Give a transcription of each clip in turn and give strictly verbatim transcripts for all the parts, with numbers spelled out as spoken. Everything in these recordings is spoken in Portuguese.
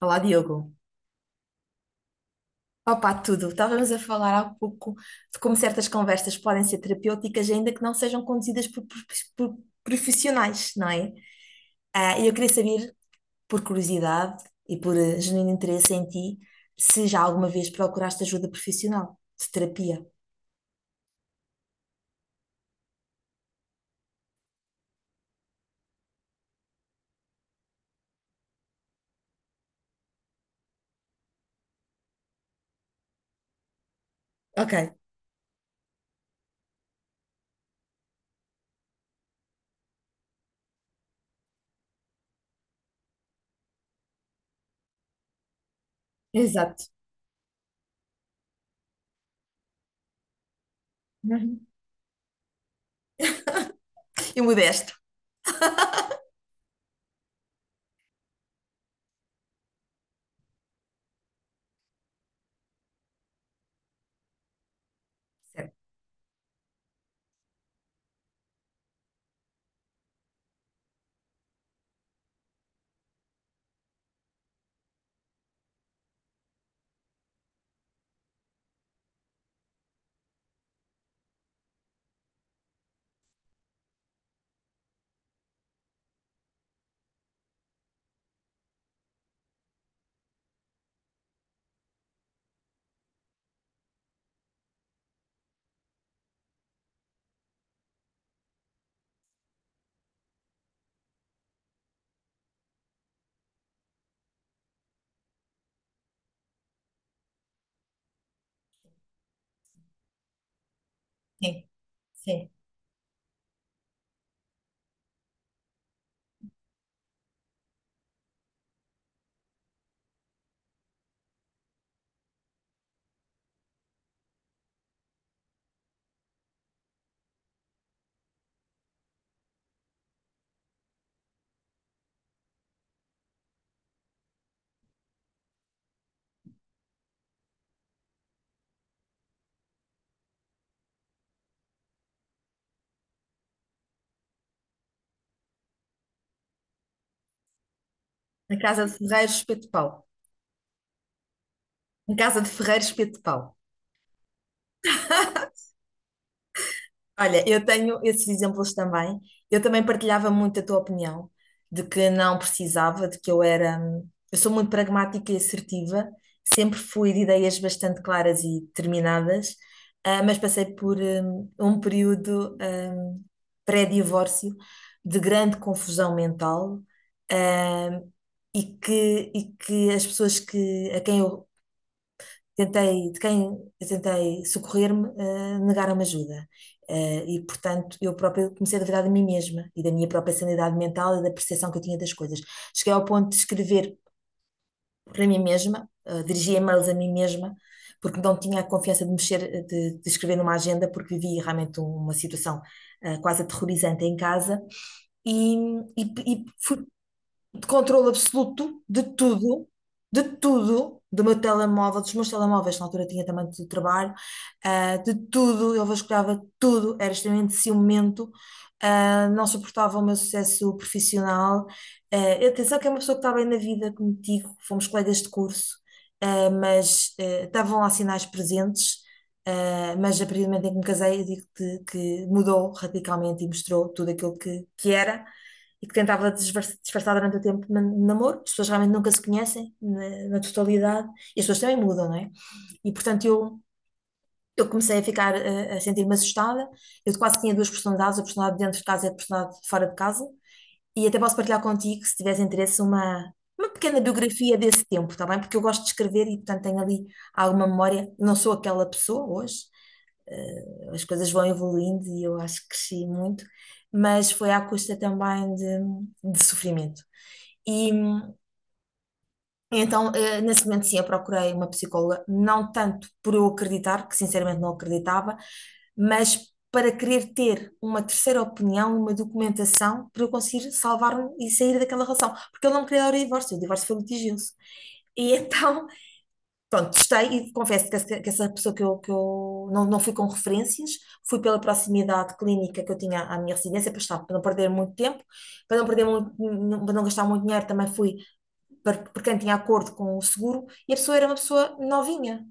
Olá, Diogo. Opa, tudo. Estávamos a falar há pouco de como certas conversas podem ser terapêuticas, ainda que não sejam conduzidas por, por- por profissionais, não é? Ah, E eu queria saber, por curiosidade e por eh, genuíno interesse em ti, se já alguma vez procuraste ajuda profissional de terapia. Ok, exato. Uhum. E modesto. Certo. Sim, sim. Na casa de Ferreiros, espeto de pau. Na casa de Ferreiros, espeto de pau. Olha, eu tenho esses exemplos também. Eu também partilhava muito a tua opinião de que não precisava, de que eu era. Eu sou muito pragmática e assertiva, sempre fui de ideias bastante claras e determinadas. Ah, mas passei por hum, um período hum, pré-divórcio de grande confusão mental, hum, e que, e que as pessoas que, a quem eu tentei, de quem eu tentei socorrer-me, eh, negaram-me ajuda. Eh, e, portanto, eu própria comecei a duvidar de mim mesma e da minha própria sanidade mental e da percepção que eu tinha das coisas. Cheguei ao ponto de escrever para mim mesma, eh, dirigir e-mails a mim mesma, porque não tinha a confiança de mexer, eh, de, de escrever numa agenda, porque vivia realmente uma situação eh, quase aterrorizante em casa. E, e, e fui de controle absoluto de tudo, de tudo, do meu telemóvel, dos meus telemóveis, na altura tinha também do trabalho, ah, de tudo, ele vasculhava tudo, era extremamente ciumento, ah, não suportava o meu sucesso profissional. Ah, atenção que é uma pessoa que está bem na vida contigo, fomos colegas de curso, ah, mas ah, estavam lá sinais presentes. ah, mas a partir do momento em que me casei, eu digo-te que mudou radicalmente e mostrou tudo aquilo que, que, era, e que tentava disfar- disfarçar durante o tempo de man- de namoro. As pessoas realmente nunca se conhecem na, na, totalidade, e as pessoas também mudam, não é? E portanto eu, eu comecei a ficar, eh, a, sentir-me assustada, eu quase tinha duas personalidades, a personalidade dentro de casa e a personalidade de fora de casa, e até posso partilhar contigo, se tiveres interesse, uma, uma pequena biografia desse tempo, está bem? Porque eu gosto de escrever e portanto tenho ali alguma memória, não sou aquela pessoa hoje, eh, as coisas vão evoluindo e eu acho que cresci muito, mas foi à custa também de, de sofrimento. E hum, então, eh, nesse momento, sim, eu procurei uma psicóloga, não tanto por eu acreditar, que sinceramente não acreditava, mas para querer ter uma terceira opinião, uma documentação, para eu conseguir salvar-me e sair daquela relação. Porque eu não me queria dar o divórcio, o divórcio foi litigioso. E então Pronto, testei e confesso que essa, que essa pessoa que eu, que eu não, não fui com referências, fui pela proximidade clínica que eu tinha à minha residência para estar, para não perder muito tempo, para não perder muito, para não gastar muito dinheiro, também fui para, por quem tinha acordo com o seguro, e a pessoa era uma pessoa novinha,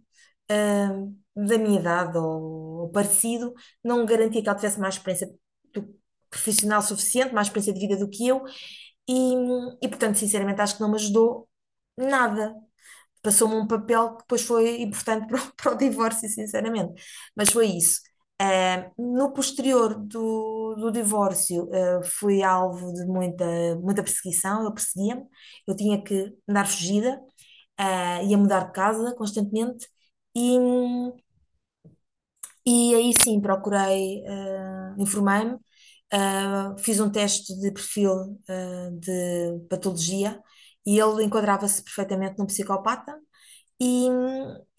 hum, da minha idade ou, ou parecido, não garantia que ela tivesse mais experiência do- profissional suficiente, mais experiência de vida do que eu, e, e portanto, sinceramente, acho que não me ajudou nada. Passou-me um papel que depois foi importante para o, para o divórcio, sinceramente. Mas foi isso. Ah, no posterior do, do divórcio, ah, fui alvo de muita, muita perseguição, ele perseguia-me, eu tinha que andar fugida, ah, ia mudar de casa constantemente. E, hum, e aí sim, procurei, eh, informei-me, eh, fiz um teste de perfil, eh, de patologia e ele enquadrava-se perfeitamente num psicopata. E,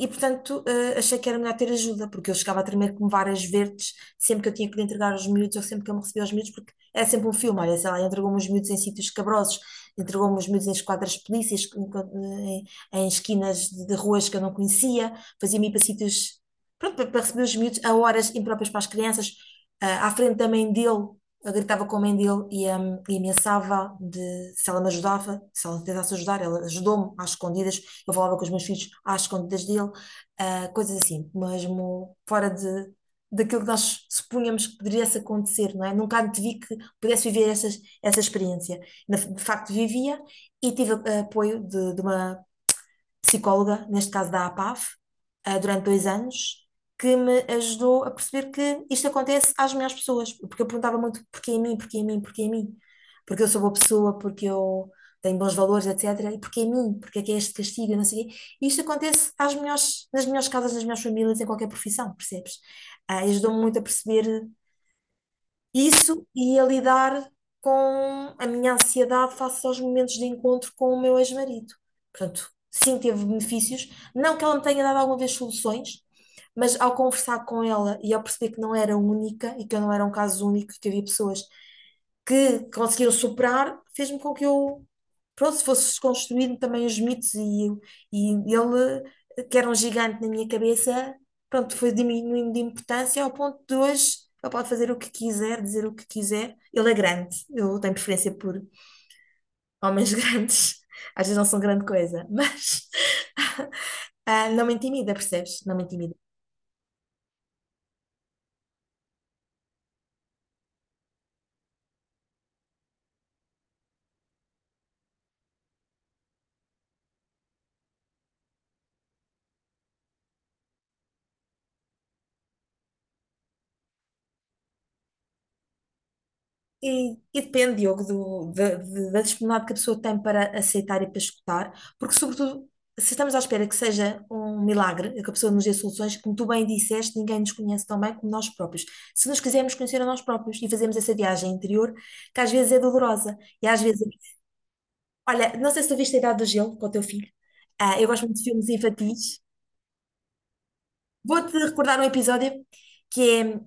e, portanto, eh, achei que era melhor ter ajuda, porque eu chegava a tremer como varas verdes sempre que eu tinha que lhe entregar os miúdos ou sempre que eu me recebia os miúdos, porque era sempre um filme. Olha, sei lá, entregou-me os miúdos em sítios escabrosos, entregou-me os miúdos em esquadras de polícias, em, em em esquinas de, de ruas que eu não conhecia, fazia-me ir para sítios, pronto, para, para receber os miúdos a horas impróprias para as crianças, ah, à frente da mãe dele. Eu gritava com a mãe dele e, hum, e ameaçava de, se ela me ajudava, se ela tentasse ajudar, ela ajudou-me às escondidas, eu falava com os meus filhos às escondidas dele, ah, coisas assim, mesmo fora de, daquilo que nós supunhamos que poderia acontecer, não é? Nunca antevi que pudesse viver essas, essa experiência. Na- De facto, vivia. E tive ah, apoio de, de uma psicóloga, neste caso da APAV, eh, durante dois anos, que me ajudou a perceber que isto acontece às melhores pessoas, porque eu perguntava muito porquê a mim, porquê a mim, porquê a mim, porque eu sou boa pessoa, porque eu tenho bons valores, etecetera. E porquê a mim, porque é que é este castigo, não sei o quê. E isto acontece às melhores, nas melhores casas, nas melhores famílias, em qualquer profissão, percebes? Ah, ajudou-me muito a perceber isso e a lidar com a minha ansiedade face aos momentos de encontro com o meu ex-marido. Portanto, sim, teve benefícios. Não que ela me tenha dado alguma vez soluções, mas ao conversar com ela e ao perceber que não era única e que eu não era um caso único, que havia pessoas que conseguiram superar, fez-me com que eu, pronto, se fosse desconstruindo também os mitos e, e ele, que era um gigante na minha cabeça, pronto, foi diminuindo de importância ao ponto de hoje ele pode fazer o que quiser, dizer o que quiser. Ele é grande, eu tenho preferência por homens grandes, às vezes não são grande coisa, mas ah, não me intimida, percebes? Não me intimida. E, e depende, Diogo, do- da, de- da disponibilidade que a pessoa tem para aceitar e para escutar, porque, sobretudo, se estamos à espera que seja um milagre, que a pessoa nos dê soluções, como tu bem disseste, ninguém nos conhece tão bem como nós próprios. Se nos quisermos conhecer a nós próprios e fazemos essa viagem interior, que às vezes é dolorosa, e às vezes. Olha, não sei se tu viste a Idade do Gelo com o teu filho. Ah, eu gosto muito de filmes infantis. Vou-te recordar um episódio que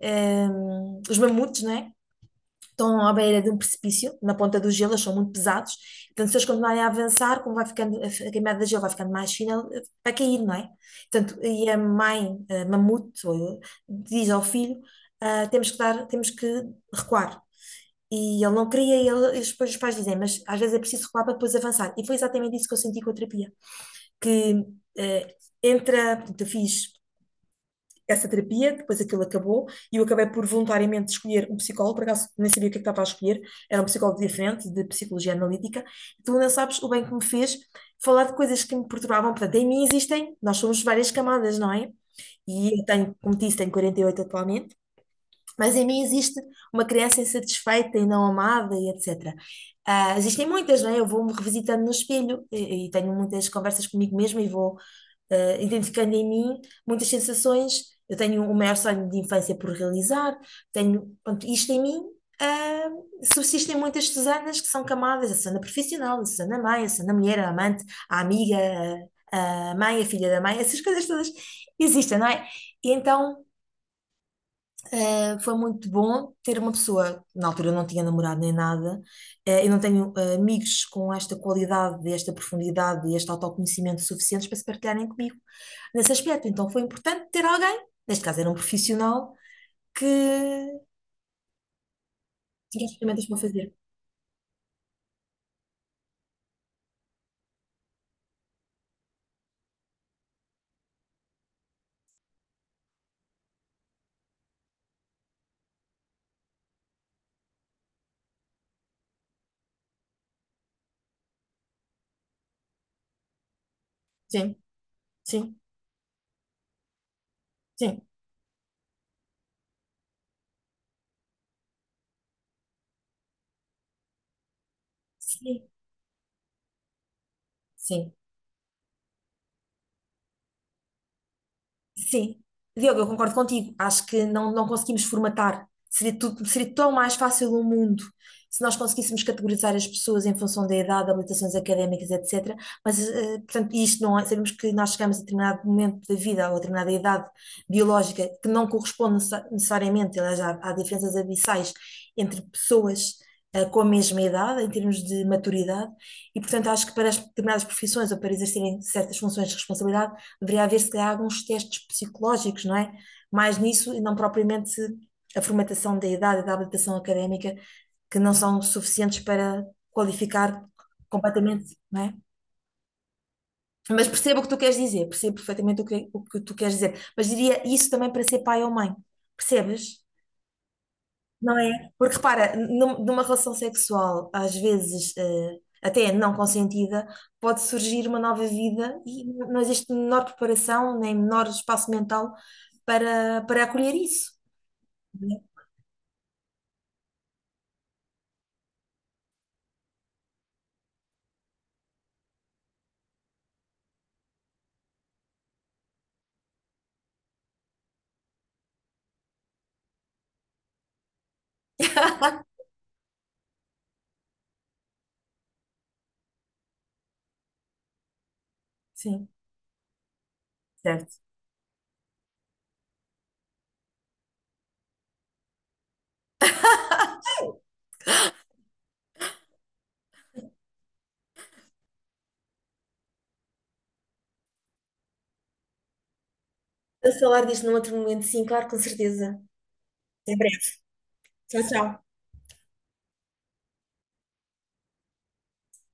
é, hum, Os Mamutes, não é? Estão à beira de um precipício, na ponta do gelo, eles são muito pesados, portanto, se eles continuarem a avançar, como vai ficando, a camada de gelo vai ficando mais fina, eh, vai cair, não é? Portanto, e a mãe, a mamute, ou- diz ao filho, ah, temos que dar, temos que recuar. E ele não queria, e ele- e depois os pais dizem, mas às vezes é preciso recuar para depois avançar. E foi exatamente isso que eu senti com a terapia, que eh, entra, portanto, eu fiz essa terapia, depois aquilo acabou, e eu acabei por voluntariamente escolher um psicólogo, por acaso nem sabia o que é que estava a escolher, era um psicólogo diferente, de psicologia analítica. Tu não sabes o bem que me fez falar de coisas que me perturbavam, portanto, em mim existem, nós somos várias camadas, não é? E eu tenho, como disse, tenho quarenta e oito atualmente, mas em mim existe uma criança insatisfeita e não amada e etecetera. Ah, existem muitas, não é? Eu vou-me revisitando no espelho e, e tenho muitas conversas comigo mesma e vou, ah, identificando em mim muitas sensações. Eu tenho o maior sonho de infância por realizar, tenho, pronto, isto em mim. ah, subsistem muitas Susanas que são camadas, a Susana profissional, a Susana mãe, a Susana mulher, a amante, a amiga, a a mãe, a filha da mãe, essas coisas todas existem, não é? E então Uh, foi muito bom ter uma pessoa, na altura eu não tinha namorado nem nada. Uh, eu não tenho, uh, amigos com esta qualidade, esta profundidade e este autoconhecimento suficientes para se partilharem comigo nesse aspecto. Então foi importante ter alguém, neste caso era um profissional, que tinha as ferramentas para fazer. Sim, sim, sim, sim, sim. Sim, Diogo, eu concordo contigo. Acho que não, não conseguimos formatar. Seria tudo, seria tão mais fácil o mundo se nós conseguíssemos categorizar as pessoas em função da idade, habilitações académicas, etecetera. Mas, eh, portanto, isto não é. Sabemos que nós chegamos a determinado momento da vida ou a determinada idade biológica que não corresponde necessa- necessariamente, aliás, há, há diferenças abissais entre pessoas. eh, Com a mesma idade, em termos de maturidade, e portanto acho que para as determinadas profissões ou para exercerem certas funções de responsabilidade deveria haver, se calhar, alguns testes psicológicos, não é? Mais nisso e não propriamente a formatação da idade e da habilitação académica, que não são suficientes para qualificar completamente, não é? Mas percebo o que tu queres dizer, percebo perfeitamente o que, o que tu queres dizer, mas diria isso também para ser pai ou mãe, percebes? Não é? Porque repara, num- numa relação sexual, às vezes, eh, até não consentida, pode surgir uma nova vida e não existe menor preparação, nem menor espaço mental para, para acolher isso. Não é? Sim, certo. A falar disto num outro momento, sim, claro, com certeza. Até breve. Tchau, tchau.